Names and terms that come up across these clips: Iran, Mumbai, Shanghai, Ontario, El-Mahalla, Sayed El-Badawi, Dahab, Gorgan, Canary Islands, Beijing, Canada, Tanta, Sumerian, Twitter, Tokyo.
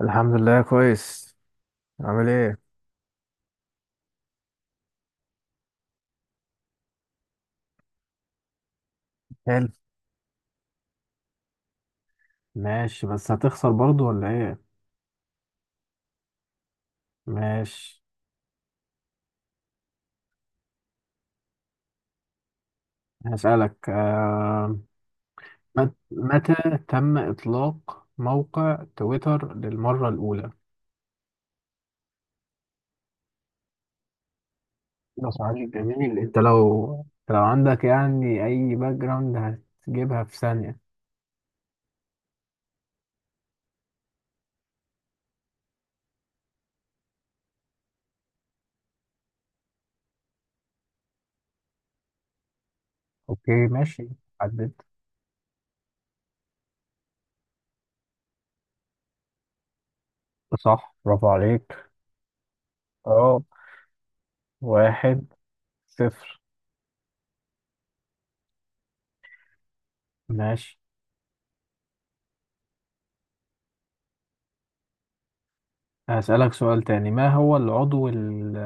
الحمد لله كويس. عامل ايه. حلو. ماشي، بس هتخسر برضو ولا ايه؟ ماشي. هسألك متى تم إطلاق موقع تويتر للمرة الأولى؟ ده سؤال جميل. انت لو عندك يعني أي باك جراوند، هتجيبها في ثانية. اوكي ماشي. عدد. صح، برافو عليك. اه. 1-0. ماشي. هسألك سؤال تاني. ما هو العضو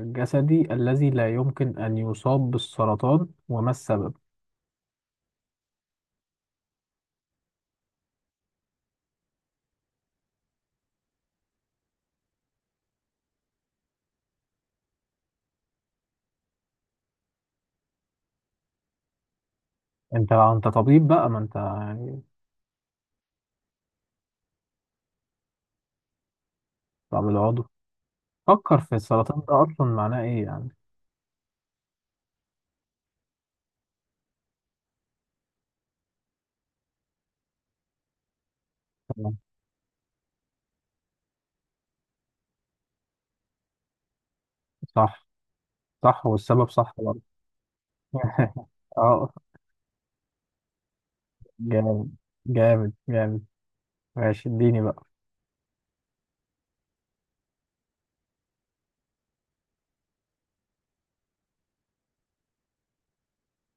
الجسدي الذي لا يمكن أن يصاب بالسرطان وما السبب؟ أنت طبيب بقى، ما أنت يعني. طب العضو، فكر في السرطان ده أصلا معناه إيه يعني. تمام. صح. صح. والسبب صح برضه. أه، جامد. جامد جامد. ماشي، اديني بقى.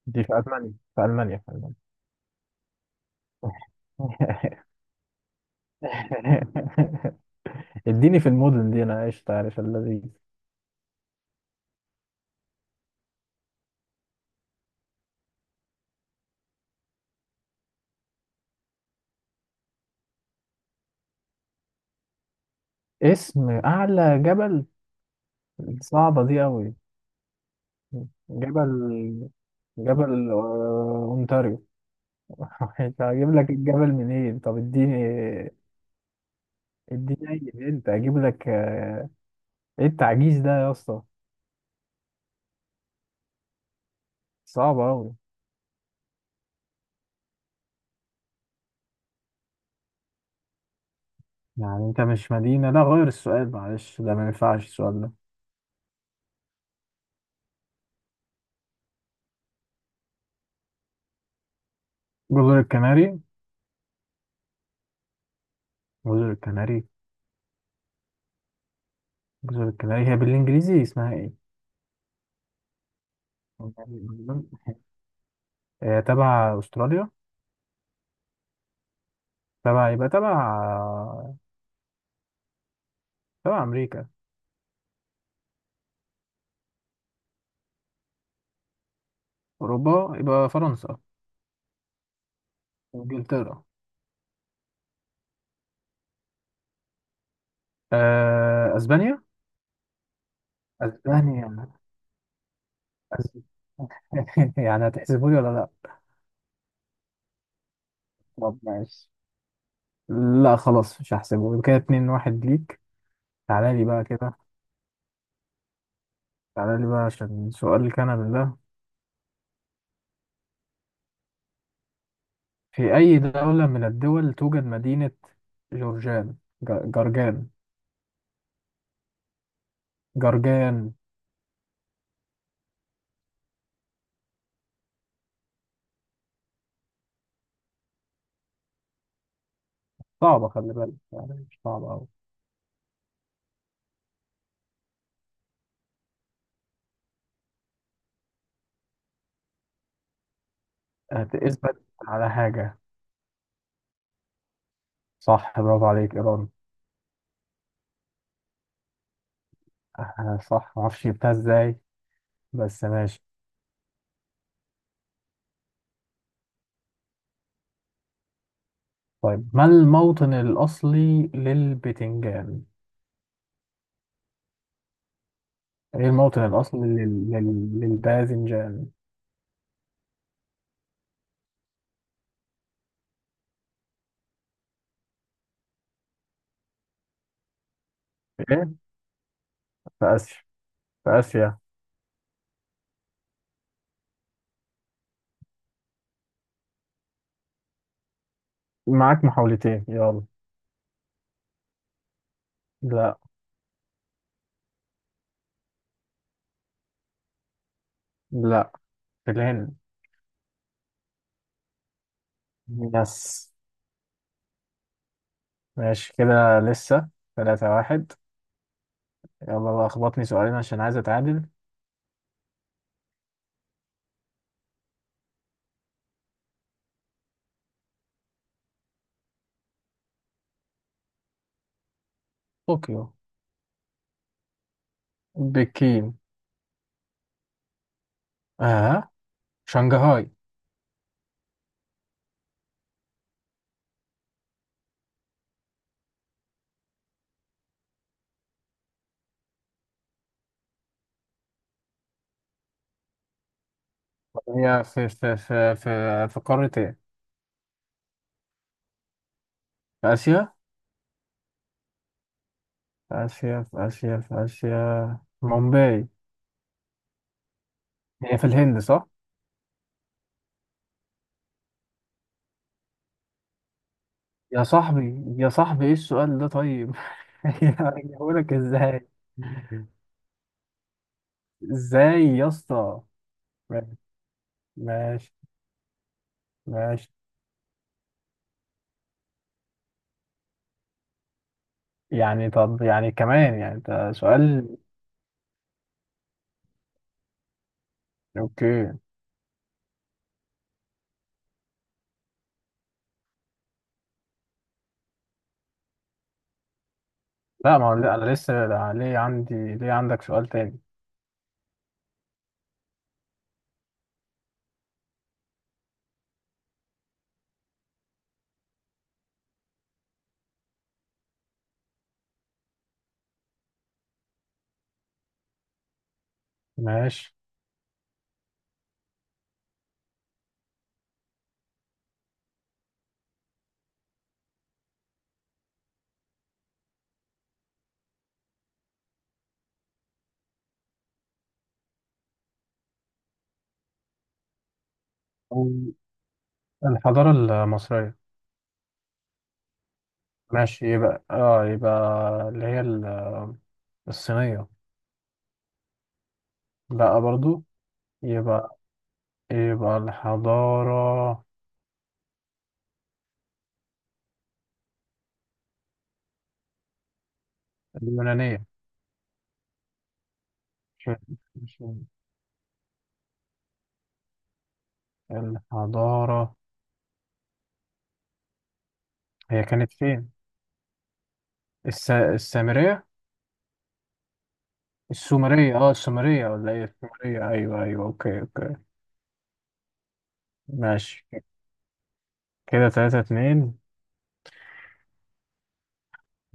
دي في ألمانيا. في ألمانيا. في ألمانيا. اديني في المدن دي أنا عشت، عارف الذي. اسم أعلى جبل. صعبة دي أوي. جبل. أونتاريو. مش هجيب لك الجبل منين، طب اديني. اديني أي أنت أجيب لك. إيه التعجيز ده يا اسطى؟ صعبة أوي. يعني انت مش مدينة، لا غير السؤال، معلش ده ما ينفعش السؤال ده. جزر الكناري. جزر الكناري. جزر الكناري هي بالانجليزي اسمها ايه؟ هي تبع استراليا؟ يبقى تبع تبع امريكا. اوروبا يبقى فرنسا. انجلترا. اسبانيا. اسبانيا. أس... يعني هتحسبه لي ولا لا؟ طب ماشي. لا، خلاص، مش هحسبه، يبقى كده 2-1 ليك. تعالى لي بقى كده. تعالى لي بقى عشان سؤال كندا ده. في أي دولة من الدول توجد مدينة جورجان؟ جرجان. جرجان. صعبة، خلي بالك، يعني مش صعبة أوي. هتثبت على حاجة؟ صح، برافو عليك، إيران. صح معرفش جبتها إزاي. بس ماشي. طيب، ما الموطن الأصلي للبتنجان؟ إيه الموطن الأصلي للباذنجان؟ إيه؟ في آسيا. في آسيا. معاك محاولتين، يلا. لا. لا، في الهند. يس. ماشي كده لسه. 3-1. يلا بقى خبطني سؤالين عشان عايز أتعادل. طوكيو. بكين. آه، شنغهاي. هي في قارة إيه؟ في آسيا. في آسيا. في آسيا. في آسيا مومباي. هي في الهند صح؟ يا صاحبي، يا صاحبي، ايه السؤال ده طيب؟ يعني هقولك ازاي؟ ازاي يا اسطى؟ ماشي. ماشي. ماشي. يعني طب يعني كمان يعني انت سؤال. اوكي. لا، ما هو، لا، انا لسه، لا، ليه عندك سؤال تاني. ماشي. الحضارة المصرية. ماشي. يبقى يبقى اللي هي الصينية. لا برضو. يبقى يبقى الحضارة اليونانية. مش- مش- الحضارة هي كانت فين؟ السامرية؟ السومرية. اه، السومرية ولا ايه؟ السومرية. ايوه ايوه. اوكي. اوكي. ماشي كده 3-2.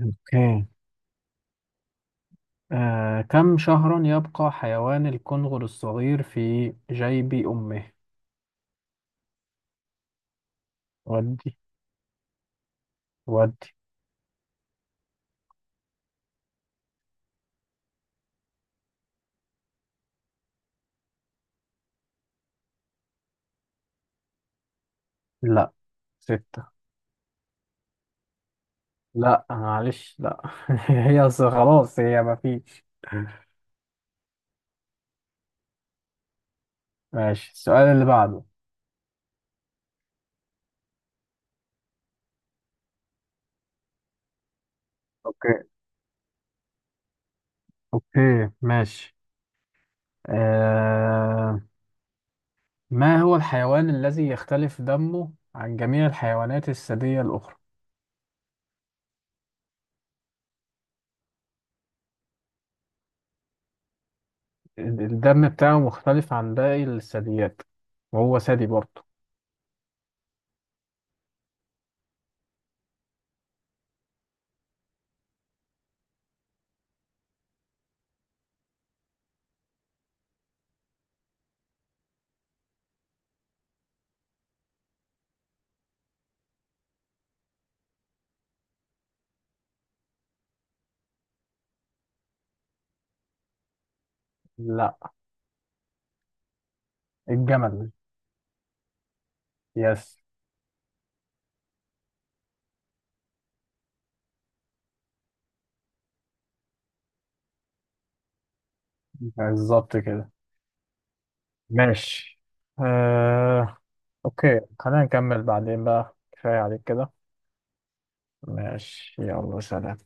اوكي. آه، كم شهرا يبقى حيوان الكنغر الصغير في جيب أمه؟ ودي. ودي. لا. 6. لا، معلش، لا. هي أصل خلاص هي مفيش. ماشي. السؤال اللي بعده. اوكي. اوكي ماشي. آه، ما هو الحيوان الذي يختلف دمه عن جميع الحيوانات الثديية الأخرى؟ الدم بتاعه مختلف عن باقي الثدييات، وهو ثدي برضه. لا، الجمل. يس. بالظبط كده. ماشي. آه... أوكي، خلينا نكمل بعدين بقى، كفاية عليك كده. ماشي، يلا سلام.